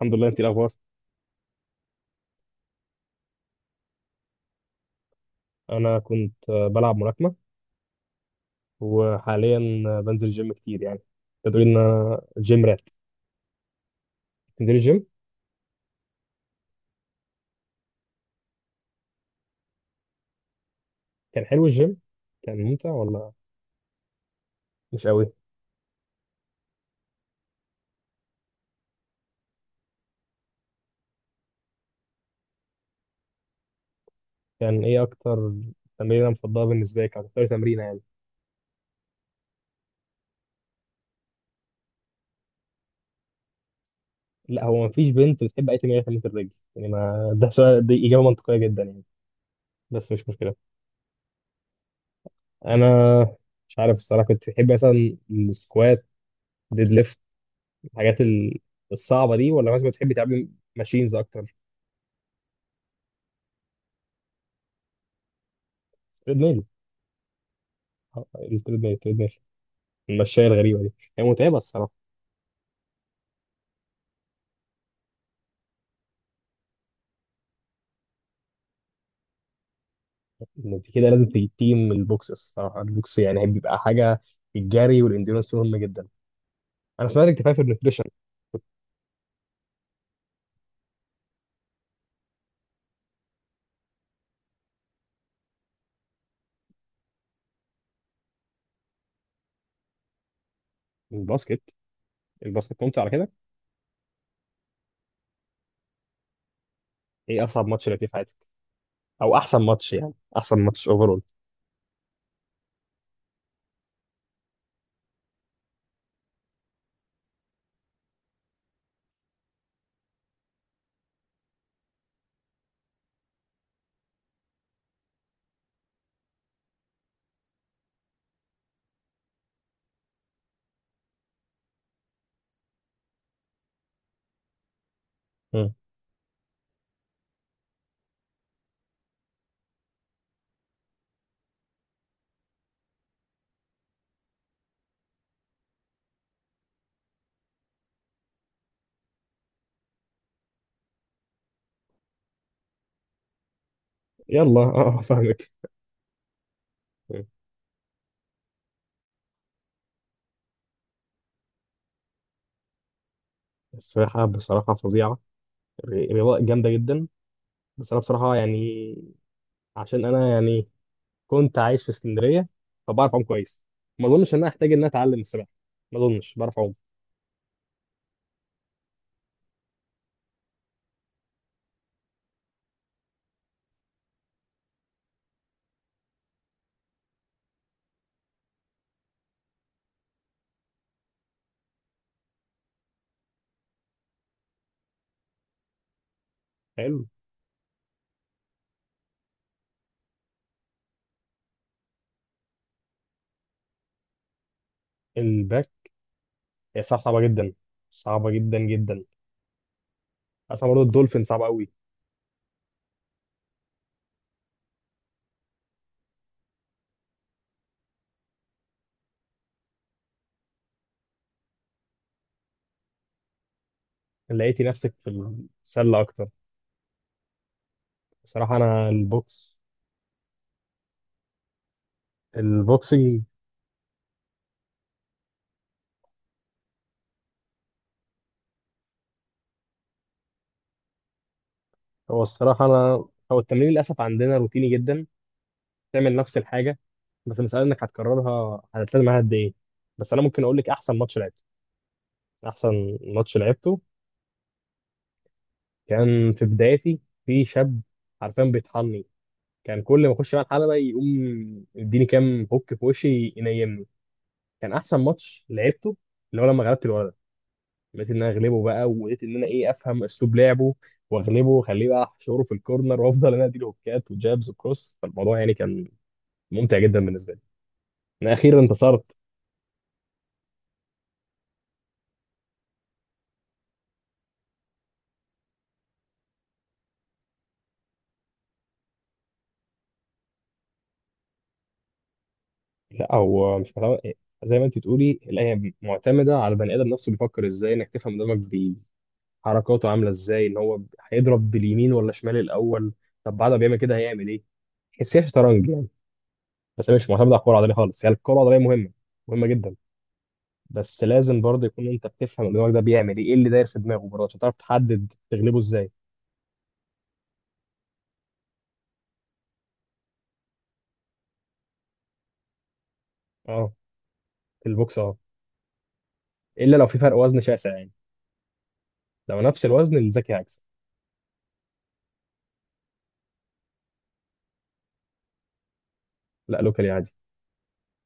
الحمد لله. انت إيه الاخبار؟ انا كنت بلعب ملاكمه، وحاليا بنزل جيم كتير يعني. تقدر ان انا جيم رات؟ تنزلي الجيم؟ كان حلو الجيم؟ كان ممتع ولا مش قوي؟ كان ايه اكتر تمرينه مفضله بالنسبه لك، او اكتر تمرينه يعني؟ لا، هو مفيش بنت بتحب اي تمرينه تمرينه الرجل يعني، ما ده سؤال، دي اجابه منطقيه جدا يعني. بس مش مشكله. انا مش عارف الصراحه، كنت بتحب مثلا السكوات، ديد ليفت، الحاجات الصعبه دي، ولا مثلا بتحبي تعملي ماشينز اكتر؟ تريدميل. التريدميل، المشاية الغريبة دي. هي متعبة الصراحة. انت كده لازم تيجي تيم البوكس الصراحة، البوكس يعني بيبقى حاجة، الجري والانديورنس مهم جدا. انا سمعت انك في النيوتريشن. الباسكت؟ الباسكت ممتع على كده؟ ايه اصعب ماتش لعبتيه في حياتك، او احسن ماتش يعني، احسن ماتش اوفرول؟ مم. يلا اه فاهمك. مم. السباحة بصراحة فظيعة، رياضة جامدة جدا. بس انا بصراحة يعني، عشان انا يعني كنت عايش في اسكندرية، فبعرف اعوم كويس. ما اظنش ان انا احتاج ان انا اتعلم السباحة، ما اظنش، بعرف اعوم. حلو. الباك هي صعبة جدا، صعبة جدا جدا. اصلا برضه الدولفين صعب قوي. لقيتي نفسك في السلة اكتر؟ بصراحة انا البوكس، البوكسنج. هو الصراحة انا، هو التمرين للاسف عندنا روتيني جدا، تعمل نفس الحاجة. بس المسألة انك هتكررها، هتلتزم معاها قد ايه. بس انا ممكن اقول لك احسن ماتش لعبته. احسن ماتش لعبته كان في بدايتي، في شاب حرفيا بيطحني، كان كل ما اخش بقى الحلبة يقوم يديني كام هوك في وشي ينيمني. كان احسن ماتش لعبته اللي هو لما غلبت الولد، لقيت ان انا اغلبه بقى، ولقيت ان انا ايه، افهم اسلوب لعبه واغلبه واخليه بقى احشره في الكورنر، وافضل انا اديله هوكات وجابز وكروس، فالموضوع يعني كان ممتع جدا بالنسبه لي. انا اخيرا انتصرت. لا، هو مش متعود. زي ما انت تقولي الايه، معتمده على البني ادم نفسه بيفكر ازاي، انك تفهم قدامك حركاته عامله ازاي، ان هو هيضرب باليمين ولا شمال الاول، طب بعد ما بيعمل كده هيعمل ايه؟ تحسيها شطرنج يعني. بس هي مش معتمده على الكره العضليه خالص، هي يعني الكره العضليه مهمه، مهمه جدا. بس لازم برضه يكون انت بتفهم الدماغ ده بيعمل ايه، ايه اللي داير في دماغه برضه، عشان تعرف تحدد تغلبه ازاي. اه، في البوكس اه. الا لو في فرق وزن شاسع يعني. لو نفس الوزن الذكي هيكسب. لا، لوكالي عادي.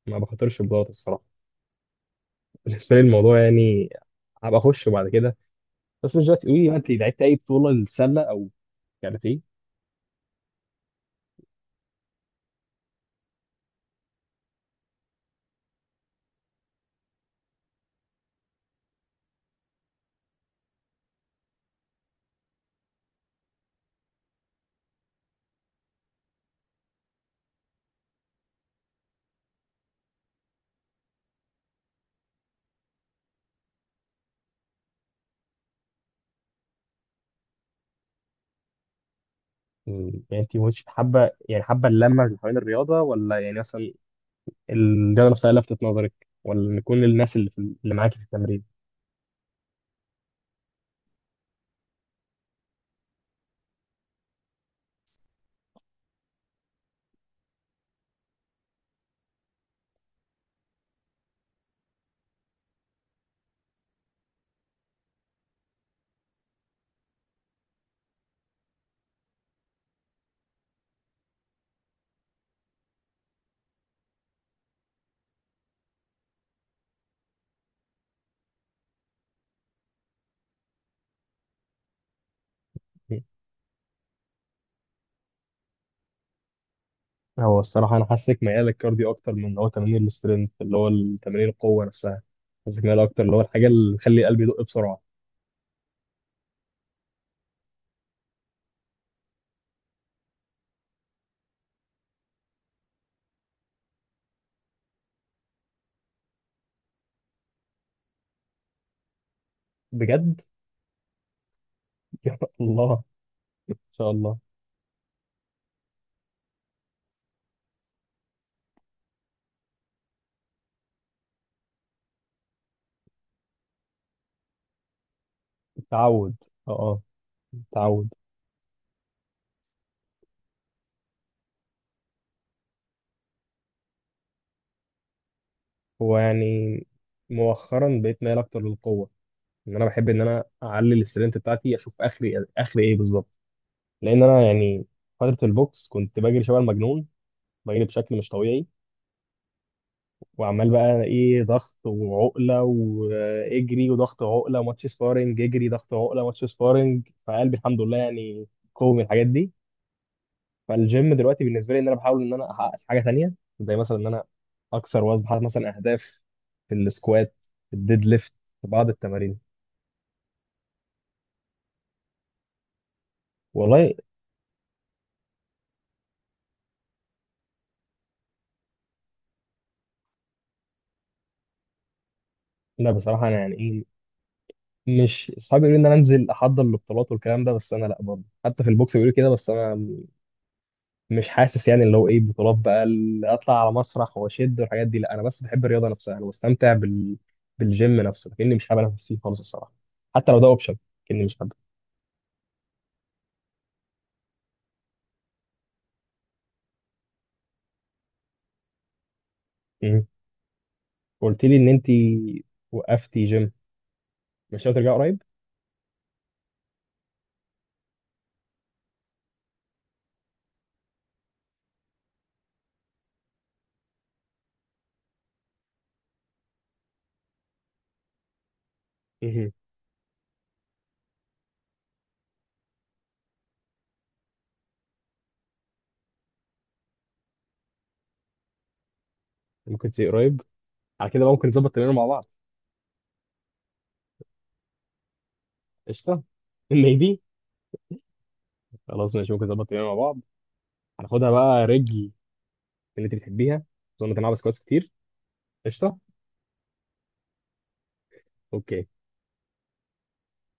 ما بخاطرش ببلاط الصراحه. بالنسبه لي الموضوع يعني، هبقى اخش بعد كده، بس مش دلوقتي. قولي بقى، انت لعبت اي بطوله للسله او كاراتيه؟ مم. يعني انت مش حابه يعني، حابه اللمه اللي حوالين الرياضه، ولا يعني مثلا الرياضه نفسها لفتت نظرك، ولا نكون الناس اللي اللي معاكي في التمرين؟ هو الصراحة أنا حاسك ميال للكارديو أكتر من اللي هو تمارين السترينث، اللي هو تمارين القوة نفسها. حاسك ميال أكتر اللي هو الحاجة اللي تخلي القلب يدق بسرعة. بجد. يا الله، إن شاء الله. التعود، أه أه، التعود. هو يعني مؤخرا بقيت ميال أكتر للقوة، إن أنا بحب إن أنا أعلي السترينث بتاعتي، أشوف آخري آخري إيه بالظبط. لأن أنا يعني فترة البوكس كنت بجري شبه المجنون، بجري بشكل مش طبيعي، وعمال بقى ايه، ضغط وعقله واجري، وضغط عقله ماتش سبارنج، اجري ضغط عقله ماتش سبارنج، فقلبي الحمد لله يعني قوي من الحاجات دي. فالجيم دلوقتي بالنسبه لي ان انا بحاول ان انا احقق في حاجه تانيه، زي مثلا ان انا اكسر وزن، حاطط مثلا اهداف في السكوات، في الديد ليفت، في بعض التمارين. والله لا بصراحه، انا يعني ايه، مش صعب يقولوا ان انا انزل احضر البطولات والكلام ده، بس انا لا، برضه حتى في البوكس بيقولوا كده، بس انا مش حاسس يعني اللي هو ايه، بطولات بقى اللي اطلع على مسرح واشد والحاجات دي، لا انا بس بحب الرياضه نفسها، انا بستمتع بالجيم نفسه، لكني مش حابب انافس فيه خالص الصراحه. حتى لو ده اوبشن، لكني مش حابب. مم. قلت لي ان انت وقفتي جيم، مش ناوي ترجعي قريب؟ مهم. ممكن تيجي قريب، على كده بقى ممكن نظبط تمرين مع بعض. قشطه. ميبي. خلاص ماشي، ممكن نظبط تمرين مع بعض. هناخدها بقى رجل، اللي انت بتحبيها. اظن انت بسكواتس كتير. قشطه. اوكي.